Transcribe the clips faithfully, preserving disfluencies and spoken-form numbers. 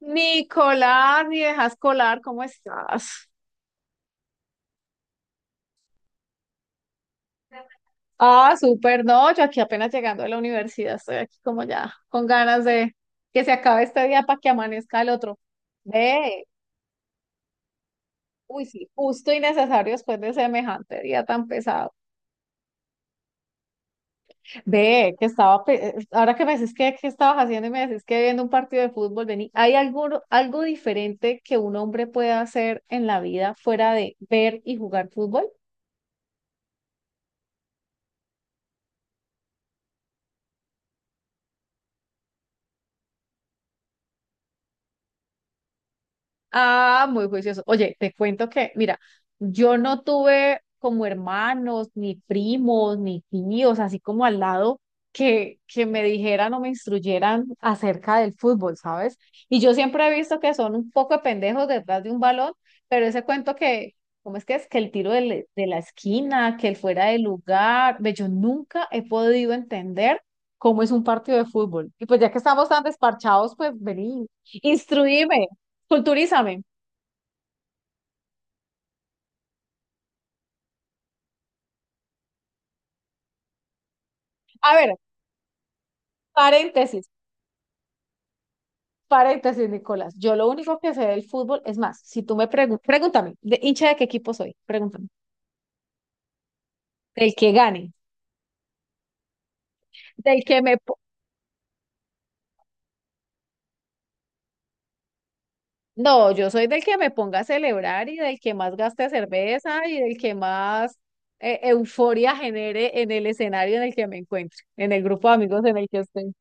Nicolás, mi dejas colar, ¿cómo estás? Ah, súper, no, yo aquí apenas llegando de la universidad, estoy aquí como ya con ganas de que se acabe este día para que amanezca el otro. Ve, uy, sí, justo y necesario después de semejante día tan pesado. Ve, que estaba, pe- ahora que me decís que, que estabas haciendo y me decís que viendo un partido de fútbol, vení, ¿hay algo, algo diferente que un hombre pueda hacer en la vida fuera de ver y jugar fútbol? Ah, muy juicioso. Oye, te cuento que, mira, yo no tuve como hermanos, ni primos, ni tíos, así como al lado, que, que me dijeran o me instruyeran acerca del fútbol, ¿sabes? Y yo siempre he visto que son un poco de pendejos detrás de un balón, pero ese cuento que, ¿cómo es que es? Que el tiro del- de la esquina, que el fuera de lugar, ve, yo nunca he podido entender cómo es un partido de fútbol. Y pues ya que estamos tan desparchados, pues vení. Instruíme, culturízame. A ver, paréntesis, paréntesis, Nicolás. Yo lo único que sé del fútbol, es más, si tú me preguntas, pregúntame, ¿de hincha de qué equipo soy? Pregúntame. Del que gane, del que me... po- no, yo soy del que me ponga a celebrar y del que más gaste cerveza y del que más eh, euforia genere en el escenario en el que me encuentro, en el grupo de amigos en el que estoy.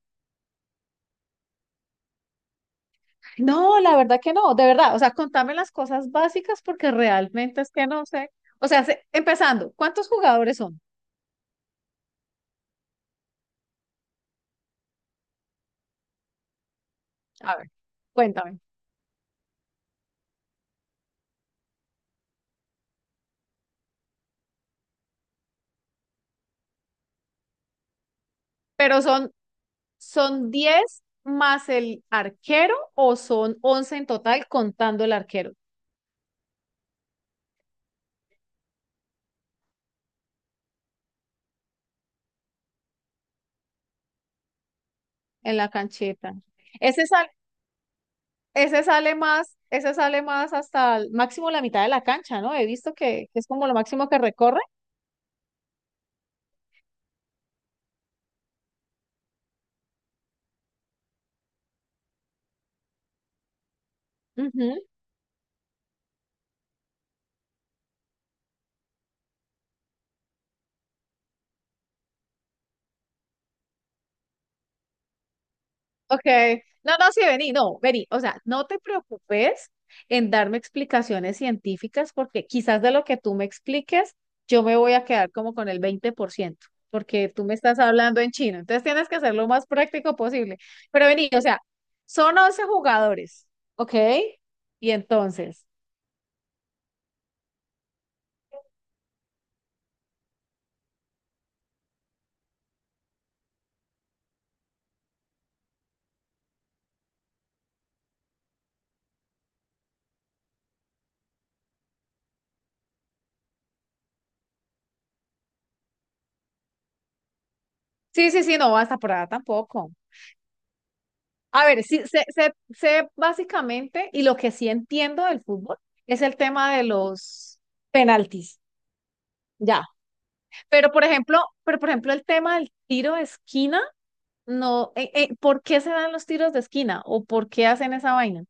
No, la verdad que no, de verdad. O sea, contame las cosas básicas porque realmente es que no sé. O sea, se- empezando, ¿cuántos jugadores son? A ver, cuéntame. Pero son, son diez más el arquero o son once en total contando el arquero en la cancheta. Ese sale, ese sale más, ese sale más hasta el máximo la mitad de la cancha, ¿no? He visto que, que es como lo máximo que recorre. Ok, no, no, sí, vení, no, vení, o sea, no te preocupes en darme explicaciones científicas porque quizás de lo que tú me expliques, yo me voy a quedar como con el veinte por ciento porque tú me estás hablando en chino, entonces tienes que ser lo más práctico posible. Pero vení, o sea, son once jugadores, ¿ok? Y entonces, sí, sí, sí, no, hasta por allá tampoco. A ver, sí, sé, sé, sé básicamente, y lo que sí entiendo del fútbol es el tema de los penaltis. Ya, pero por ejemplo, pero por ejemplo el tema del tiro de esquina, no, eh, eh, ¿por qué se dan los tiros de esquina o por qué hacen esa vaina?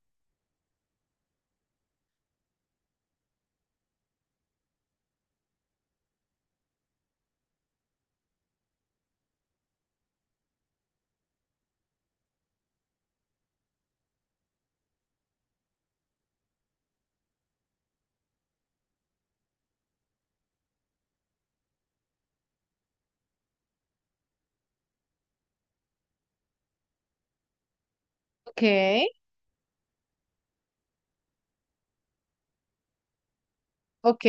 Ok, ok.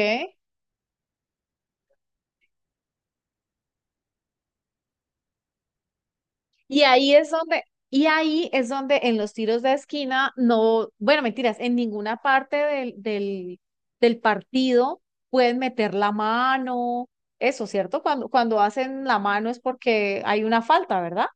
Y ahí es donde, y ahí es donde en los tiros de esquina no, bueno, mentiras, en ninguna parte del, del, del partido pueden meter la mano, eso, ¿cierto? Cuando, cuando hacen la mano es porque hay una falta, ¿verdad?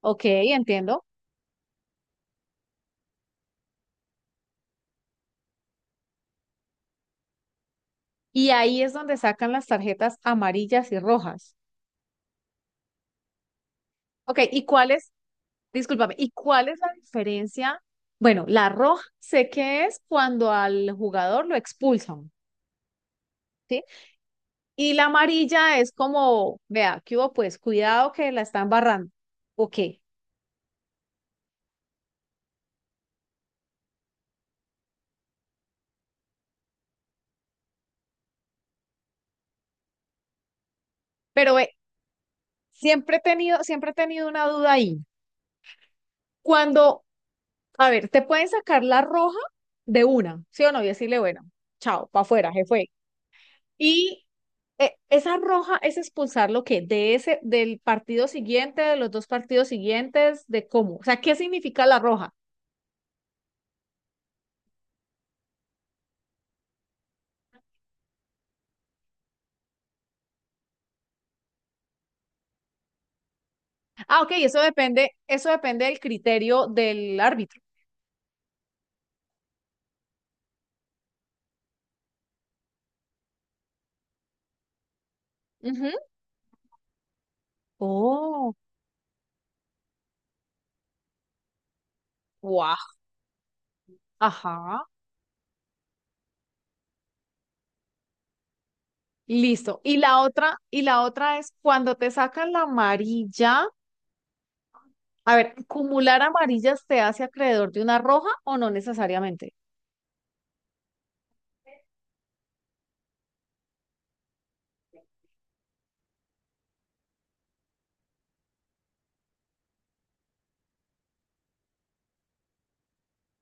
Ok, entiendo. Y ahí es donde sacan las tarjetas amarillas y rojas. Ok, ¿y cuáles discúlpame, ¿y cuál es la diferencia? Bueno, la roja sé que es cuando al jugador lo expulsan, ¿sí? Y la amarilla es como, vea, ¿qué hubo? Pues cuidado que la están barrando. Ok, pero eh, siempre he tenido, siempre he tenido una duda ahí. Cuando, a ver, te pueden sacar la roja de una, ¿sí o no? Y decirle, bueno, chao, para afuera, jefe. Y eh, esa roja es expulsar lo que de ese, del partido siguiente, de los dos partidos siguientes, de cómo. O sea, ¿qué significa la roja? Ah, ok, eso depende, eso depende del criterio del árbitro. Ujú. Oh, guau, ajá. Listo. Y la otra, y la otra es cuando te sacan la amarilla. A ver, ¿acumular amarillas te hace acreedor de una roja o no necesariamente?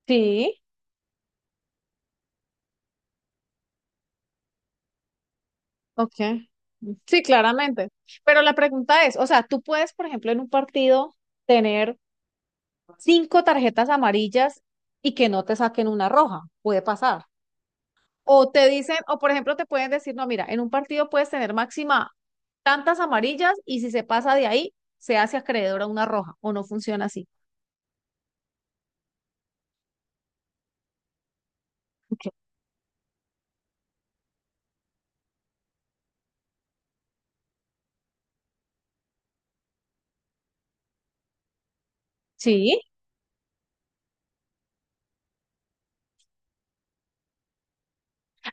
Sí. Ok. Sí, claramente. Pero la pregunta es, o sea, tú puedes, por ejemplo, en un partido tener cinco tarjetas amarillas y que no te saquen una roja, puede pasar. O te dicen, o por ejemplo, te pueden decir, no, mira, en un partido puedes tener máxima tantas amarillas y si se pasa de ahí, se hace acreedor a una roja, o no funciona así. Ok. Sí.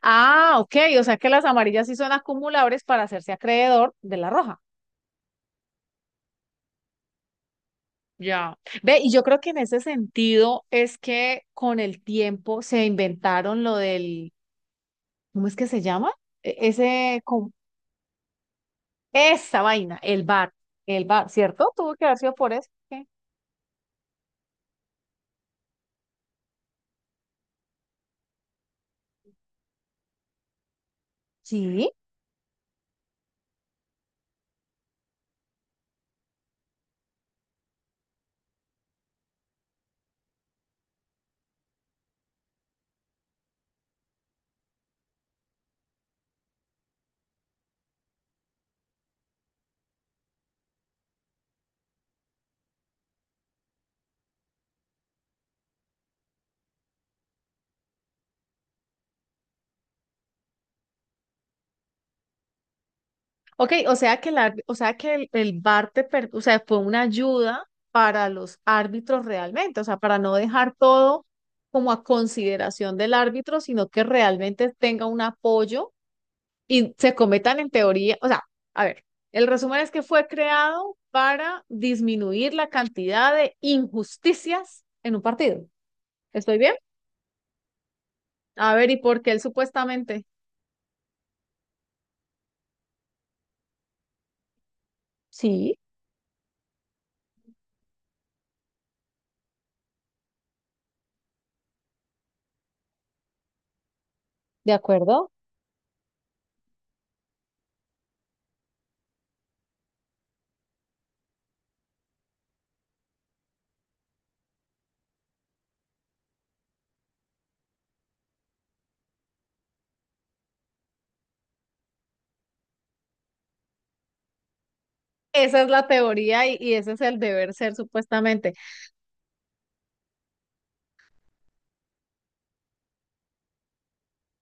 Ah, ok, o sea que las amarillas sí son acumulables para hacerse acreedor de la roja. Ya. Ve, y yo creo que en ese sentido es que con el tiempo se inventaron lo del, ¿cómo es que se llama? E- Ese, com- esa vaina, el bar, el bar, ¿cierto? Tuvo que haber sido por eso. ¿Qué? Sí. Ok, o sea que la, o sea que el, el bar te, per- o sea, fue una ayuda para los árbitros realmente, o sea, para no dejar todo como a consideración del árbitro, sino que realmente tenga un apoyo y se cometan en teoría, o sea, a ver, el resumen es que fue creado para disminuir la cantidad de injusticias en un partido. ¿Estoy bien? A ver, ¿y por qué él supuestamente? Sí, de acuerdo. Esa es la teoría y, y ese es el deber ser supuestamente.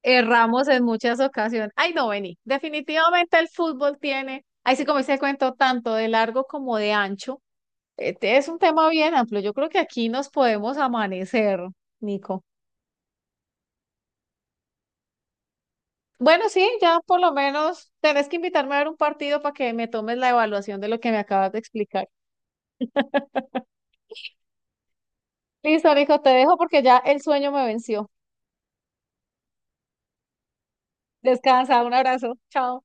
Erramos en muchas ocasiones. Ay, no, vení. Definitivamente el fútbol tiene, ahí sí como dice el cuento, tanto de largo como de ancho. Este es un tema bien amplio. Yo creo que aquí nos podemos amanecer, Nico. Bueno, sí, ya por lo menos tenés que invitarme a ver un partido para que me tomes la evaluación de lo que me acabas de explicar. Listo, hijo, te dejo porque ya el sueño me venció. Descansa, un abrazo, chao.